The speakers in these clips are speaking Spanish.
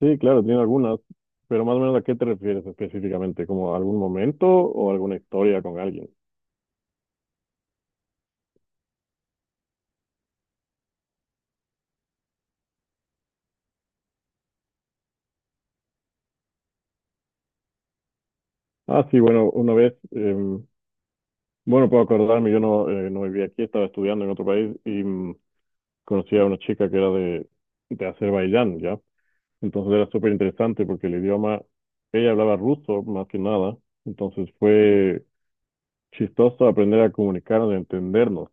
Sí, claro, tiene algunas, pero más o menos a qué te refieres específicamente, como algún momento o alguna historia con alguien. Ah, sí, bueno, una vez, bueno, puedo acordarme, yo no, no vivía aquí, estaba estudiando en otro país y conocí a una chica que era de Azerbaiyán, ¿ya? Entonces era súper interesante porque el idioma, ella hablaba ruso más que nada, entonces fue chistoso aprender a comunicarnos y entendernos.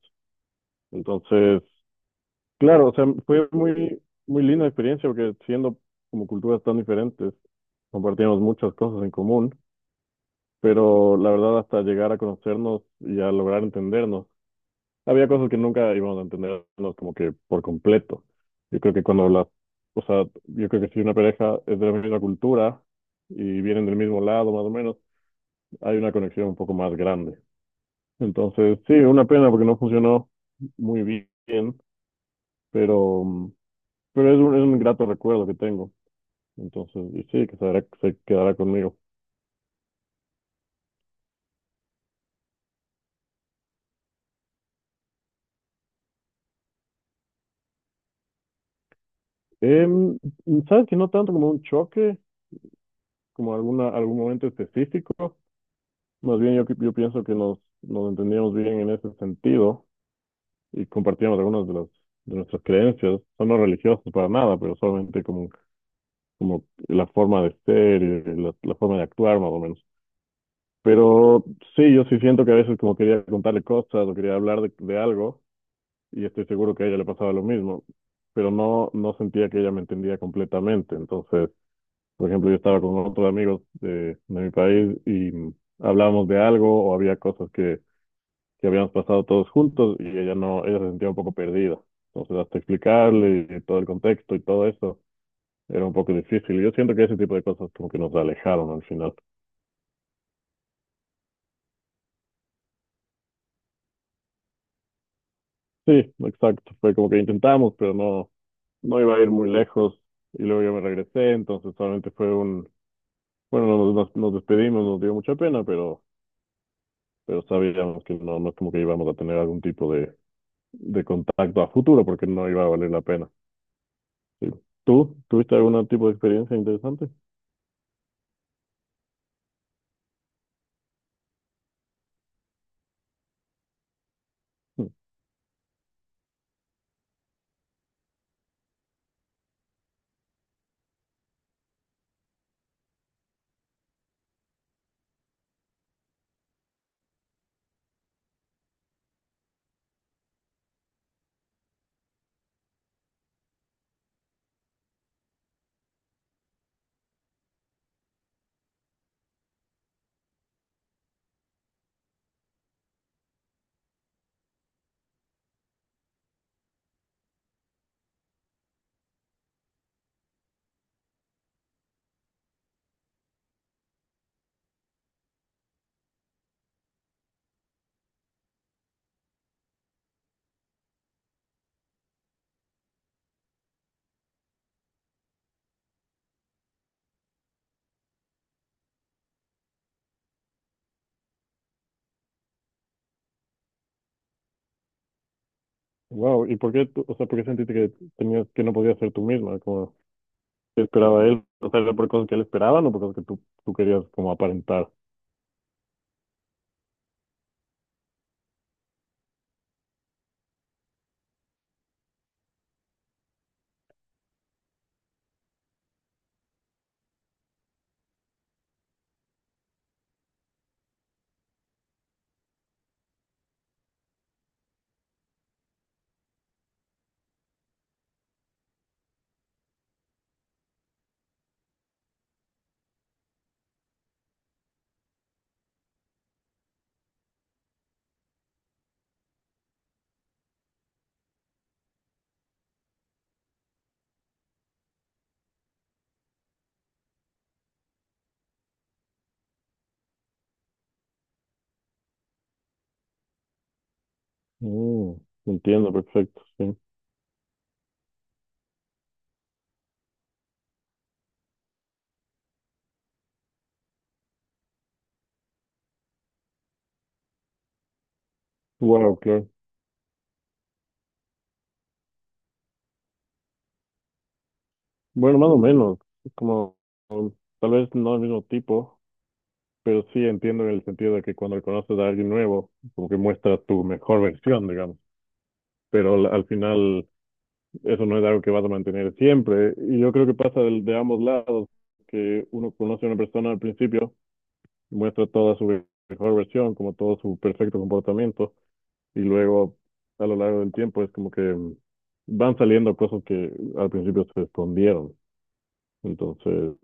Entonces, claro, o sea, fue muy, muy linda experiencia porque siendo como culturas tan diferentes, compartíamos muchas cosas en común, pero la verdad hasta llegar a conocernos y a lograr entendernos, había cosas que nunca íbamos a entendernos como que por completo. Yo creo que cuando o sea, yo creo que si una pareja es de la misma cultura y vienen del mismo lado más o menos, hay una conexión un poco más grande. Entonces, sí, una pena porque no funcionó muy bien, pero, pero es es un grato recuerdo que tengo. Entonces, y sí, se quedará conmigo. Em, ¿Sabes que no tanto como un choque, como algún momento específico? Más bien yo pienso que nos entendíamos bien en ese sentido y compartíamos algunas de de nuestras creencias. Son no religiosos para nada, pero solamente como, como la forma de ser y la forma de actuar más o menos. Pero sí, yo sí siento que a veces como quería contarle cosas o quería hablar de algo y estoy seguro que a ella le pasaba lo mismo, pero no, no sentía que ella me entendía completamente. Entonces, por ejemplo, yo estaba con otros amigos de mi país y hablábamos de algo o había cosas que habíamos pasado todos juntos y ella no, ella se sentía un poco perdida. Entonces, hasta explicarle y todo el contexto y todo eso era un poco difícil. Yo siento que ese tipo de cosas como que nos alejaron al final. Sí, exacto. Fue como que intentamos, pero no, no iba a ir muy lejos. Y luego yo me regresé, entonces solamente fue un, bueno, nos despedimos, nos dio mucha pena, pero sabíamos que no, no es como que íbamos a tener algún tipo de contacto a futuro porque no iba a valer la pena. Sí. ¿Tú tuviste algún tipo de experiencia interesante? Wow, ¿y por qué, o sea, por qué sentiste que que no podías ser tú misma? Como, ¿qué esperaba él? O sea, ¿era por cosas que él esperaba o por cosas que tú querías como aparentar? Mm, entiendo, perfecto, sí. Wow, claro. Bueno, más o menos, como um, tal vez no el mismo tipo, pero sí entiendo en el sentido de que cuando conoces a alguien nuevo, como que muestra tu mejor versión, digamos. Pero al final eso no es algo que vas a mantener siempre. Y yo creo que pasa de ambos lados, que uno conoce a una persona al principio, muestra toda su mejor versión, como todo su perfecto comportamiento, y luego a lo largo del tiempo es como que van saliendo cosas que al principio se escondieron. Entonces,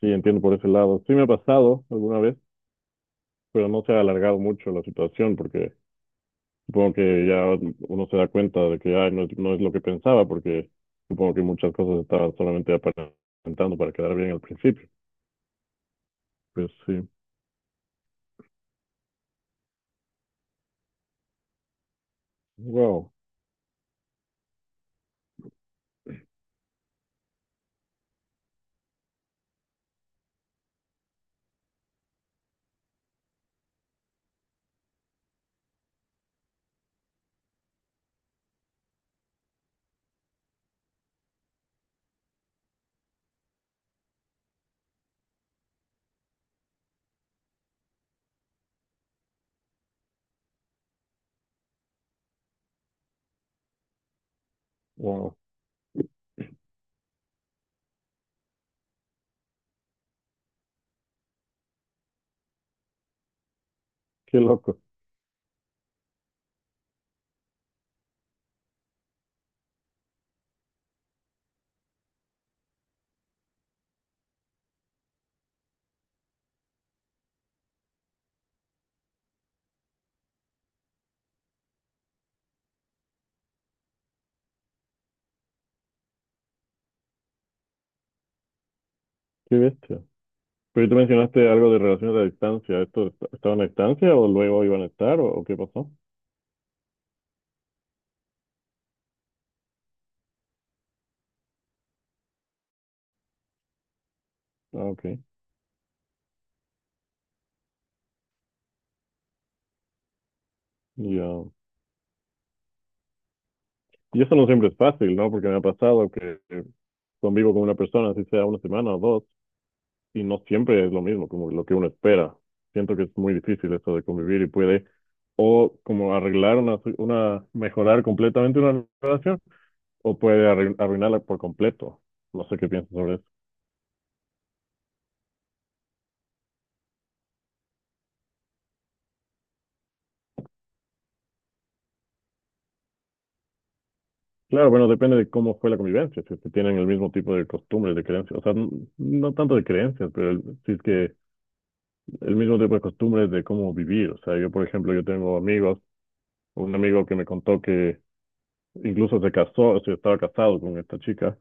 sí, entiendo por ese lado. Sí me ha pasado alguna vez, pero no se ha alargado mucho la situación porque supongo que ya uno se da cuenta de que ay, no, no es lo que pensaba, porque supongo que muchas cosas estaba solamente aparentando para quedar bien al principio. Pues sí. Wow, wow, qué loco, qué bestia. Pero tú mencionaste algo de relaciones a distancia. ¿Esto estaban a distancia o luego iban a estar o qué pasó? Ah, ok. Ya. Y eso no siempre es fácil, ¿no? Porque me ha pasado que convivo con una persona, así sea una semana o dos, y no siempre es lo mismo como lo que uno espera. Siento que es muy difícil eso de convivir y puede o como arreglar una, mejorar completamente una relación o puede arruinarla por completo. No sé qué piensas sobre eso. Claro, bueno, depende de cómo fue la convivencia, si es que tienen el mismo tipo de costumbres, de creencias, o sea, no tanto de creencias, pero si es que el mismo tipo de costumbres de cómo vivir. O sea, yo, por ejemplo, yo tengo amigos, un amigo que me contó que incluso se casó, o sea, estaba casado con esta chica,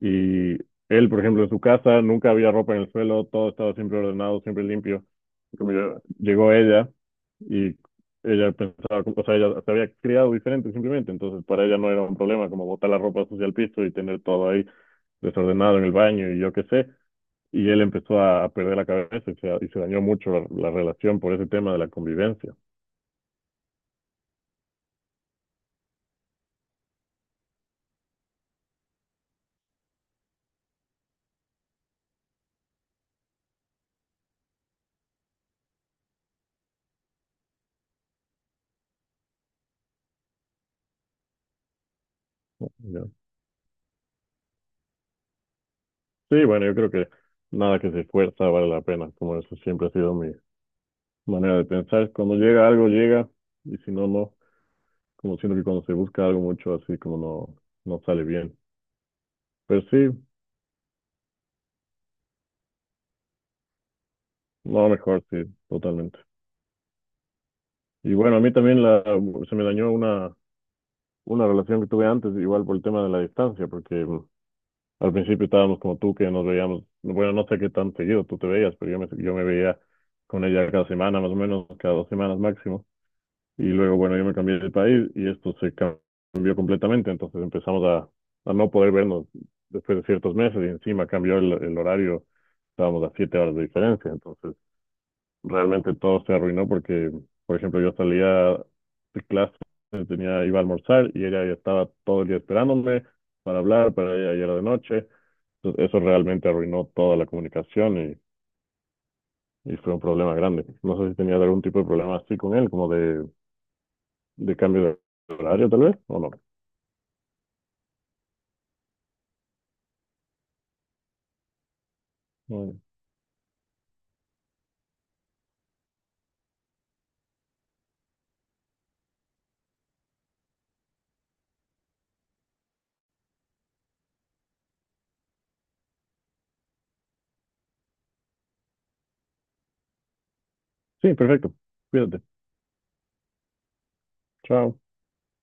y él, por ejemplo, en su casa nunca había ropa en el suelo, todo estaba siempre ordenado, siempre limpio. Y como llegó ella y ella pensaba, o sea, ella se había criado diferente simplemente, entonces para ella no era un problema como botar la ropa sucia al piso y tener todo ahí desordenado en el baño y yo qué sé. Y él empezó a perder la cabeza y y se dañó mucho la relación por ese tema de la convivencia. ¿No? Ya. Sí, bueno, yo creo que nada que se esfuerza vale la pena, como eso siempre ha sido mi, manera de pensar. Cuando llega algo, llega, y si no, no. Como siento que cuando se busca algo mucho, así como no, no sale bien. Pero sí, no, mejor, sí, totalmente. Y bueno, a mí también se me dañó una relación que tuve antes, igual por el tema de la distancia, porque al principio estábamos como tú, que nos veíamos, bueno, no sé qué tan seguido tú te veías, pero yo me veía con ella cada semana, más o menos, cada 2 semanas máximo. Y luego, bueno, yo me cambié de país y esto se cambió completamente, entonces empezamos a no poder vernos después de ciertos meses y encima cambió el horario, estábamos a 7 horas de diferencia, entonces realmente todo se arruinó porque, por ejemplo, yo salía de clase, tenía, iba a almorzar y ella ya estaba todo el día esperándome para hablar, para ella ya era de noche, entonces eso realmente arruinó toda la comunicación y fue un problema grande. No sé si tenías algún tipo de problema así con él, como de cambio de horario tal vez, o no. Bueno, sí, perfecto. Cuídate. Chao.